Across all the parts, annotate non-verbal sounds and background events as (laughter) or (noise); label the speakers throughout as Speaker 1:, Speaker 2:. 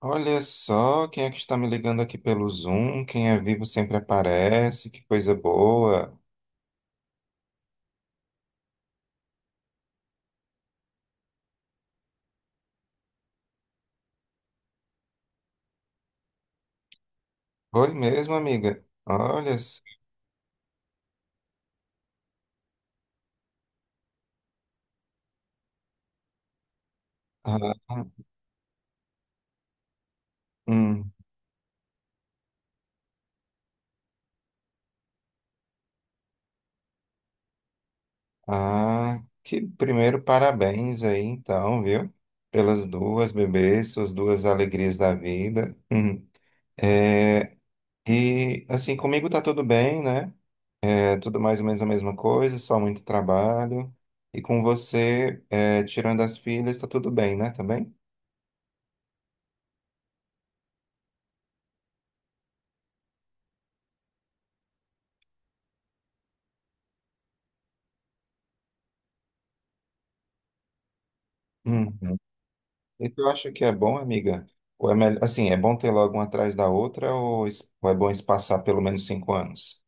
Speaker 1: Olha só quem é que está me ligando aqui pelo Zoom. Quem é vivo sempre aparece. Que coisa boa. Oi mesmo, amiga. Olha. Ah, hum. Ah, que primeiro parabéns aí, então, viu? Pelas duas bebês, suas duas alegrias da vida. Hum. É, e assim, comigo tá tudo bem, né? É tudo mais ou menos a mesma coisa, só muito trabalho. E com você, é, tirando as filhas, tá tudo bem, né? Também? Uhum. E tu acha que é bom, amiga? Ou é melhor, assim, é bom ter logo uma atrás da outra, ou ou é bom espaçar pelo menos cinco anos?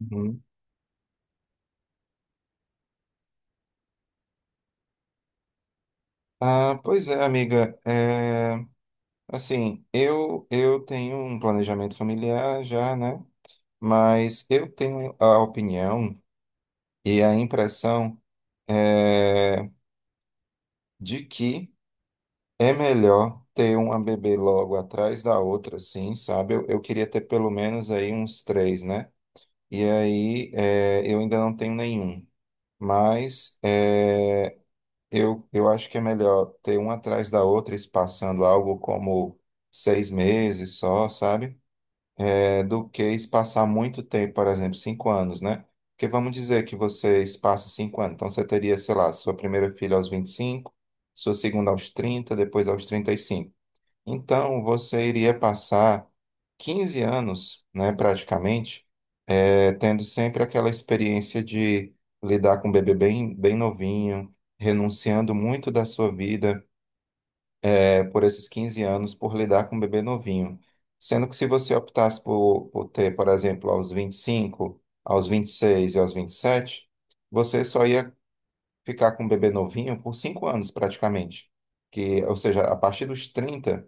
Speaker 1: Uhum. Ah, pois é, amiga. É, assim, eu tenho um planejamento familiar já, né? Mas eu tenho a opinião e a impressão, é, de que é melhor ter uma bebê logo atrás da outra, sim, sabe? Eu queria ter pelo menos aí uns três, né? E aí, eu ainda não tenho nenhum. Mas eu acho que é melhor ter uma atrás da outra, espaçando algo como seis meses só, sabe? Do que espaçar muito tempo, por exemplo, cinco anos, né? Porque vamos dizer que você espaça cinco anos. Então você teria, sei lá, sua primeira filha aos vinte e cinco, sua segunda aos trinta, depois aos trinta e cinco. Então você iria passar 15 anos, né, praticamente, tendo sempre aquela experiência de lidar com um bebê bem, bem novinho, renunciando muito da sua vida, por esses 15 anos, por lidar com um bebê novinho. Sendo que se você optasse por, ter, por exemplo, aos 25, aos vinte e seis e aos 27, você só ia ficar com um bebê novinho por 5 anos, praticamente. Que, ou seja, a partir dos 30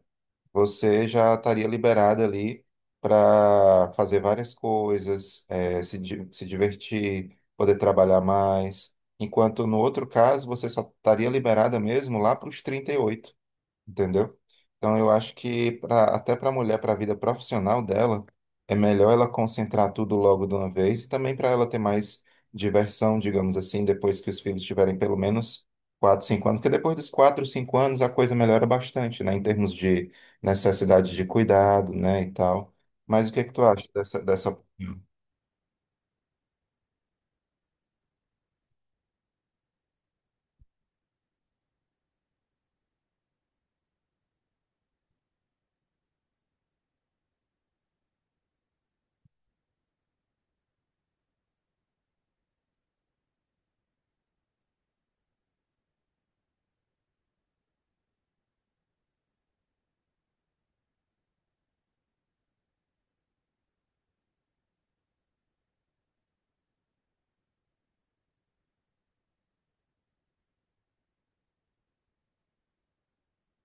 Speaker 1: você já estaria liberada ali para fazer várias coisas, se divertir, poder trabalhar mais. Enquanto no outro caso, você só estaria liberada mesmo lá para os trinta e oito, entendeu? Então eu acho que até para a mulher, para a vida profissional dela, é melhor ela concentrar tudo logo de uma vez e também para ela ter mais diversão, digamos assim, depois que os filhos tiverem pelo menos quatro, 5 anos, porque depois dos quatro, 5 anos a coisa melhora bastante, né, em termos de necessidade de cuidado, né, e tal. Mas o que é que tu acha dessa...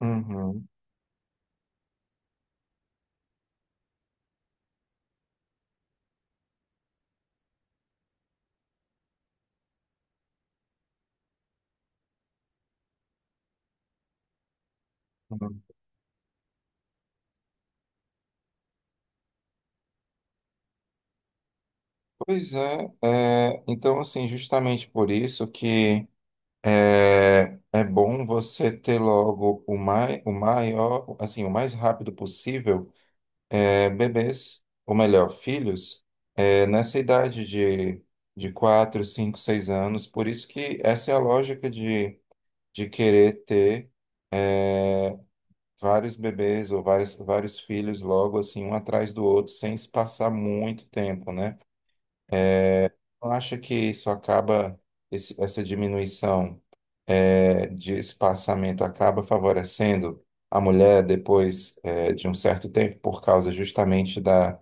Speaker 1: Uhum, uhum. Pois é, então assim, justamente por isso que é bom você ter logo o, o maior, assim, o mais rápido possível, bebês, ou melhor, filhos, nessa idade de, 4, 5, 6 anos. Por isso que essa é a lógica de querer ter vários bebês ou vários, vários filhos logo, assim, um atrás do outro, sem se passar muito tempo, né? Não acha que isso acaba, essa diminuição, de espaçamento acaba favorecendo a mulher depois, de um certo tempo, por causa justamente da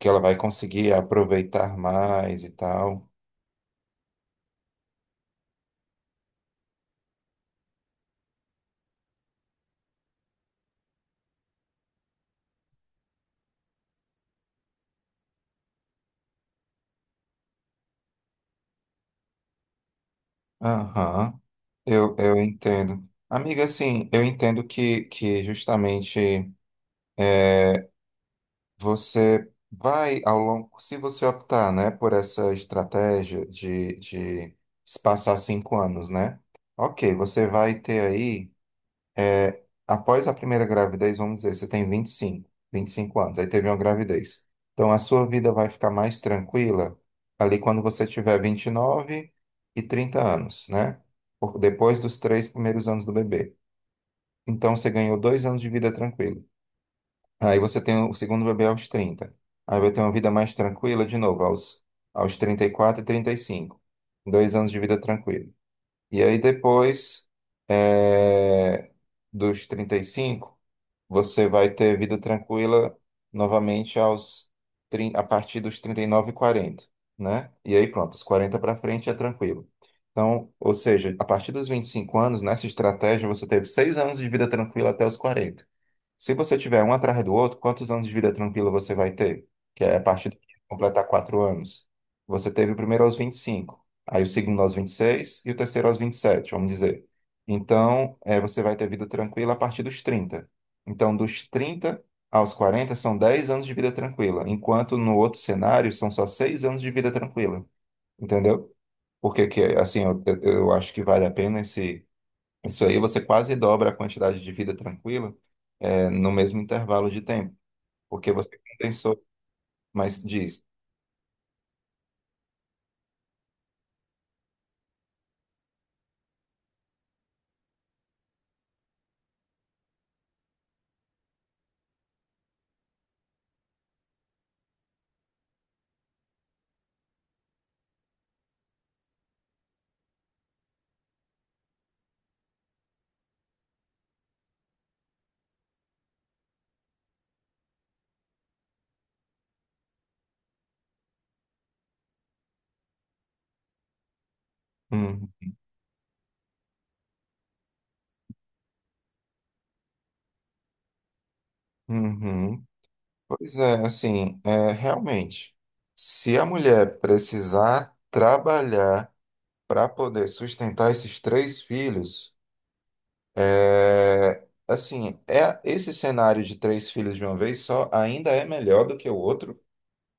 Speaker 1: que ela vai conseguir aproveitar mais e tal? Aham, eu entendo. Amiga, assim, eu entendo que, justamente. Você vai ao longo, se você optar, né, por essa estratégia de se passar cinco anos, né? Ok, você vai ter aí, após a primeira gravidez, vamos dizer, você tem vinte e cinco anos, aí teve uma gravidez. Então a sua vida vai ficar mais tranquila ali quando você tiver vinte e nove e trinta anos, né? Depois dos três primeiros anos do bebê. Então você ganhou dois anos de vida tranquila. Aí você tem o segundo bebê aos 30. Aí vai ter uma vida mais tranquila de novo, aos trinta e quatro, e trinta e cinco. Dois anos de vida tranquila. E aí depois, eh, dos 35 você vai ter vida tranquila novamente a partir dos trinta e nove e quarenta, né? E aí pronto, os 40 para frente é tranquilo. Então, ou seja, a partir dos 25 anos, nessa estratégia, você teve seis anos de vida tranquila até os 40. Se você tiver um atrás do outro, quantos anos de vida tranquila você vai ter? Que é a partir de completar quatro anos. Você teve o primeiro aos 25, aí o segundo aos vinte e seis e o terceiro aos vinte e sete, vamos dizer. Então, você vai ter vida tranquila a partir dos 30. Então, dos 30 aos 40 são 10 anos de vida tranquila, enquanto no outro cenário são só 6 anos de vida tranquila, entendeu? Porque, assim, eu acho que vale a pena isso aí, você quase dobra a quantidade de vida tranquila, no mesmo intervalo de tempo, porque você compensou, mas diz. "Hum, uhum." Pois é, assim, realmente, se a mulher precisar trabalhar para poder sustentar esses três filhos. Assim, é esse cenário de três filhos de uma vez só ainda é melhor do que o outro,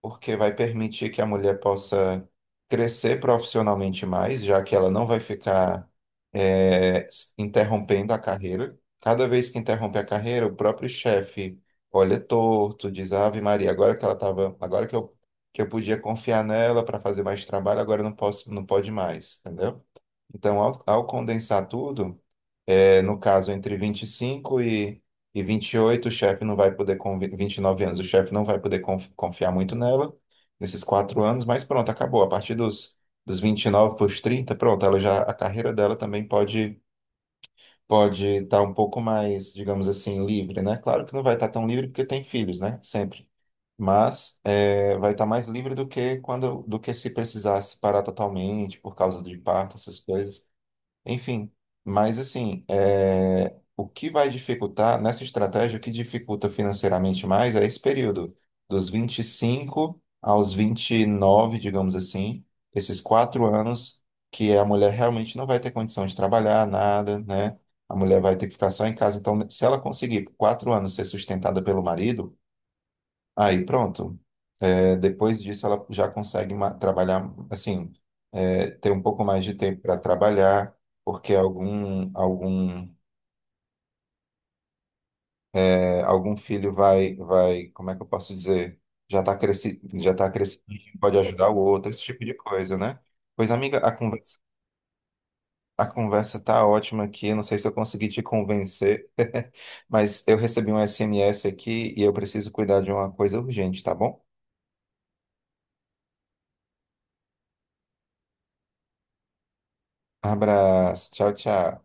Speaker 1: porque vai permitir que a mulher possa crescer profissionalmente mais, já que ela não vai ficar interrompendo a carreira. Cada vez que interrompe a carreira, o próprio chefe olha torto, diz Ave Maria, agora que ela tava, agora que eu podia confiar nela para fazer mais trabalho, agora eu não posso, não pode mais, entendeu? Então, ao condensar tudo, no caso, entre vinte e cinco e vinte e oito, o chefe não vai poder, com 29 anos, o chefe não vai poder confiar muito nela nesses quatro anos, mas pronto, acabou. A partir dos, 29 para os 30 pronto, ela já, a carreira dela também pode estar um pouco mais, digamos assim, livre, né? Claro que não vai estar tão livre porque tem filhos, né? Sempre. Mas vai estar mais livre do que quando, do que se precisasse parar totalmente por causa de parto, essas coisas. Enfim, mas assim, o que vai dificultar nessa estratégia, o que dificulta financeiramente mais é esse período, dos 25 aos 29, digamos assim, esses quatro anos que a mulher realmente não vai ter condição de trabalhar, nada, né? A mulher vai ter que ficar só em casa. Então, se ela conseguir por quatro anos ser sustentada pelo marido, aí pronto. Depois disso, ela já consegue trabalhar, assim, ter um pouco mais de tempo para trabalhar, porque algum filho vai, como é que eu posso dizer? Já está crescido, já tá crescido, pode ajudar o outro, esse tipo de coisa, né? Pois, amiga, a conversa, tá ótima aqui, não sei se eu consegui te convencer, (laughs) mas eu recebi um SMS aqui e eu preciso cuidar de uma coisa urgente, tá bom? Abraço, tchau, tchau.